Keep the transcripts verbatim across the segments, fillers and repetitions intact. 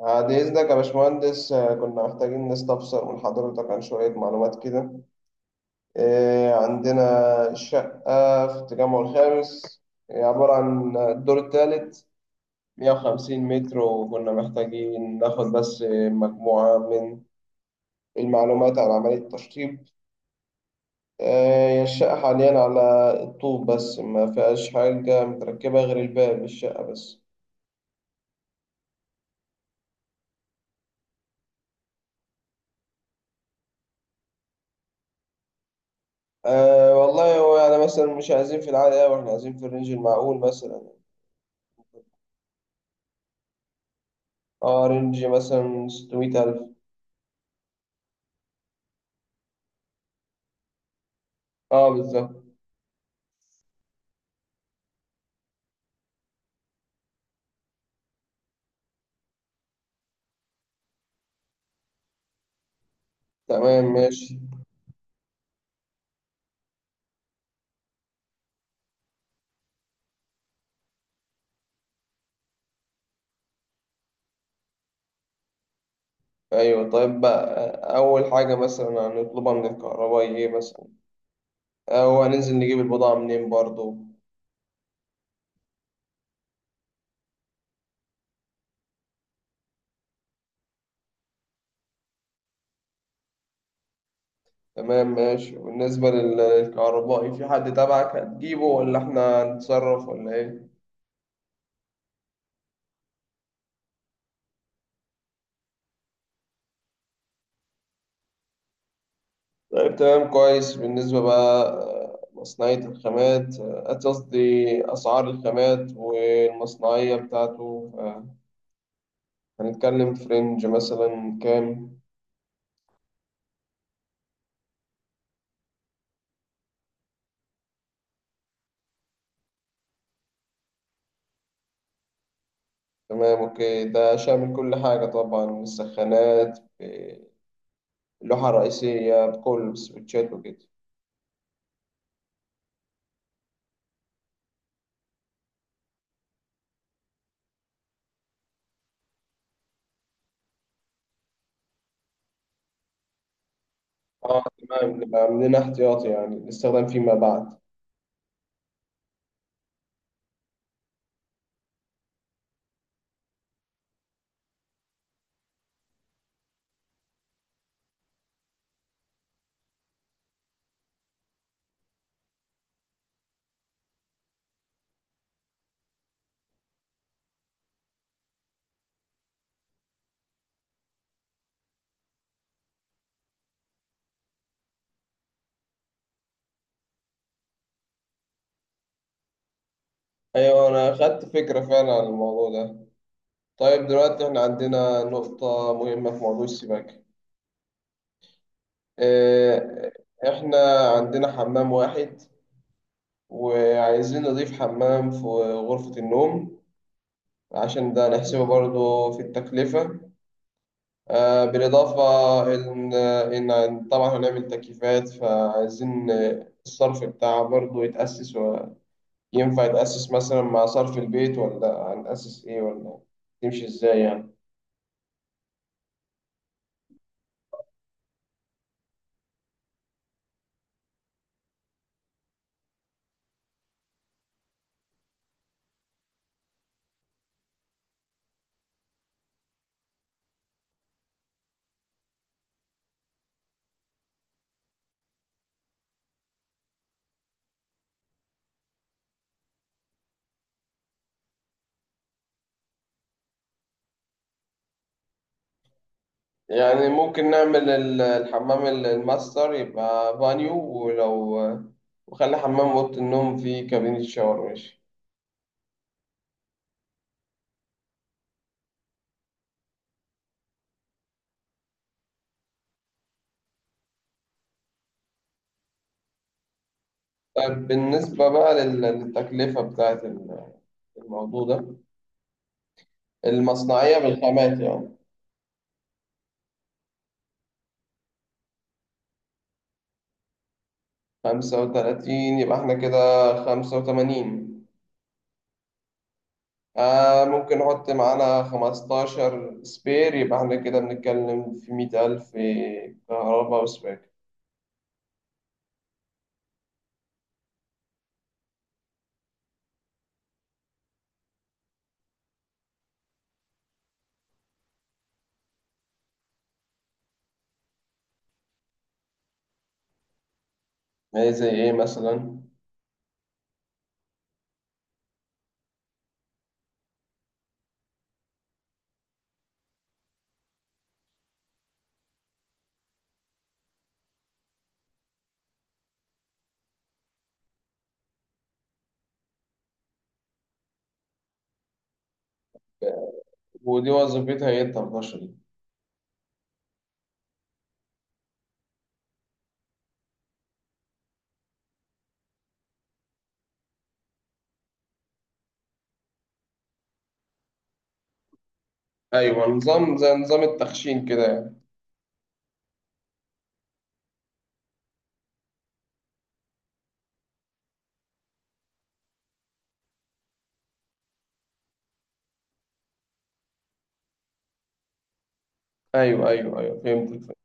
بعد إذنك يا باشمهندس، آه، كنا محتاجين نستفسر من حضرتك عن شوية معلومات كده. آه، عندنا شقة في التجمع الخامس، هي عبارة عن الدور الثالث، مية وخمسين متر، وكنا محتاجين ناخد بس مجموعة من المعلومات عن عملية التشطيب. آه، هي الشقة حاليا على الطوب، بس ما فيهاش حاجة متركبة غير الباب الشقة بس. أه والله، هو يعني مثلا مش عايزين في العالي أوي، إحنا عايزين في الرينج المعقول مثلا. اه، رينج مثلا ستمية ألف. اه بالظبط، تمام ماشي. أيوة، طيب بقى، أول حاجة مثلا هنطلبها من الكهربائي إيه مثلا؟ أو هننزل نجيب البضاعة منين برضو؟ تمام ماشي. وبالنسبة لل- للكهربائي، في حد تبعك هتجيبه، ولا إحنا هنتصرف ولا إيه؟ طيب تمام كويس. بالنسبة بقى آه، مصنعية الخامات، آه، قصدي أسعار الخامات والمصنعية بتاعته، آه، هنتكلم في رينج مثلا كام؟ تمام اوكي، ده شامل كل حاجة طبعا؟ السخانات، اللوحة الرئيسية بكل السويتشات وكده. اه تمام، نبقى عاملين احتياطي يعني الاستخدام فيما بعد. ايوه، انا خدت فكرة فعلا عن الموضوع ده. طيب دلوقتي احنا عندنا نقطة مهمة في موضوع السباكة. آه، احنا عندنا حمام واحد، وعايزين نضيف حمام في غرفة النوم، عشان ده نحسبه برضه في التكلفة. آه، بالإضافة إن إن طبعا هنعمل تكييفات، فعايزين آه، الصرف بتاعها برضه يتأسس. وينفع يتأسس مثلا مع صرف البيت، ولا هنأسس إيه، ولا تمشي إزاي يعني؟ يعني ممكن نعمل ال- الحمام ال- الماستر يبقى بانيو، ولو وخلي حمام أوضة النوم فيه كابينة شاور، ماشي. طيب بالنسبة بقى لل- للتكلفة بتاعت الموضوع ده، المصنعية بالخامات يعني. خمسة وتلاتين، يبقى احنا كده خمسة وتمانين. آه، ممكن نحط معانا خمستاشر سبير، يبقى احنا كده بنتكلم في مية ألف، كهرباء وسباك. آه، زي ايه مثلا؟ ودي وظيفتها ايه التلتاشر دي؟ أيوة، نظام زي نظام التخشين كده يعني. أيوة أيوة أيوة فهمت الفكرة.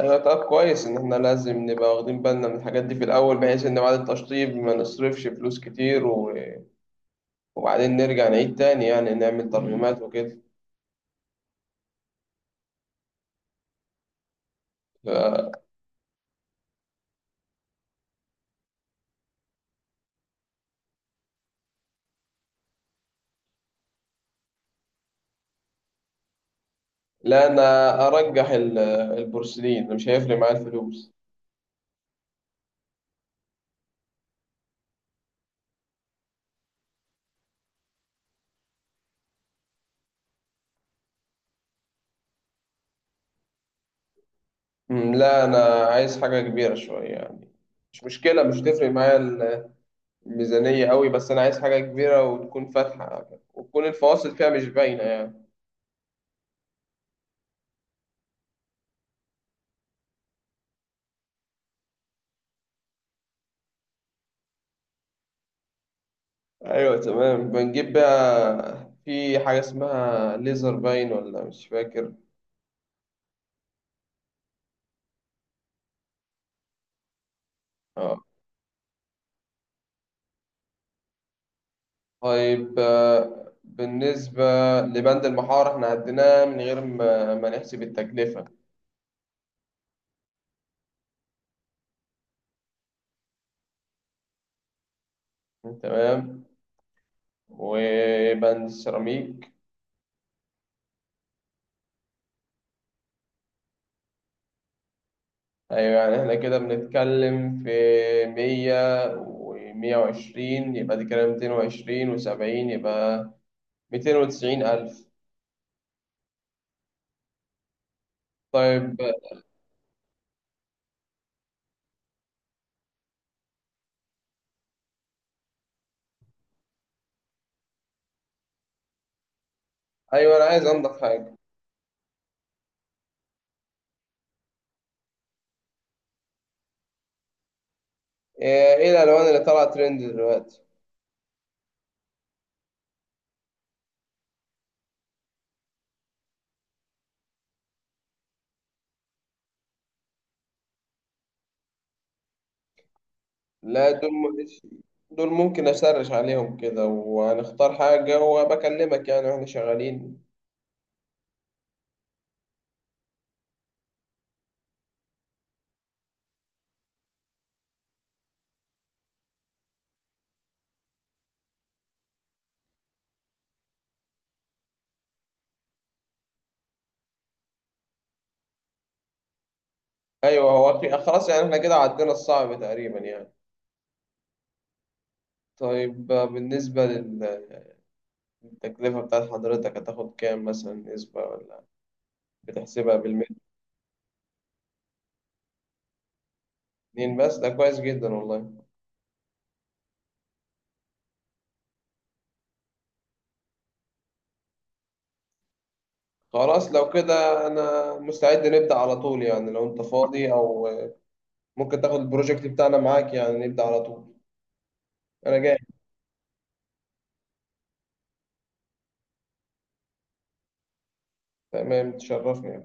أيوة طب كويس إن احنا لازم نبقى واخدين بالنا من الحاجات دي في الأول، بحيث إن بعد التشطيب ما نصرفش فلوس كتير، و... وبعدين نرجع نعيد تاني يعني، نعمل ترجمات وكده. آه، لا أنا أرجح ال- البورسلين، مش هيفرق معايا الفلوس. أمم، لا، أنا عايز حاجة كبيرة شوية يعني، مش مشكلة، مش هتفرق معايا ال- الميزانية قوي، بس أنا عايز حاجة كبيرة وتكون فاتحة، وتكون الفواصل فيها مش باينة يعني. أيوة تمام. بنجيب بقى في حاجة اسمها ليزر باين، ولا مش فاكر؟ اه. طيب آه، بالنسبة لبند المحارة، احنا عديناه من غير ما ما نحسب التكلفة. تمام. وبند السيراميك؟ ايوه، يعني احنا كده بنتكلم في مية ومية وعشرين، يبقى دي كده ميتين وعشرين وسبعين، يبقى ميتين وتسعين ألف. طيب. أيوة، أنا عايز أنضف حاجة. إيه إيه الألوان اللي طالعة ترند دلوقتي؟ لا، دول م- دول ممكن أسرش عليهم كده وهنختار حاجة وبكلمك يعني وإحنا شغالين. أيوة، هو في- خلاص يعني، إحنا كده عدينا الصعب تقريبا يعني. طيب بالنسبة للتكلفة بتاعت حضرتك، هتاخد كام مثلا، نسبة ولا بتحسبها بالمتر؟ اتنين بس؟ ده كويس جدا والله. خلاص لو كده انا مستعد نبدأ على طول يعني، لو انت فاضي او ممكن تاخد البروجكت بتاعنا معاك، يعني نبدأ على طول. انا جاهز. تمام، تشرفني.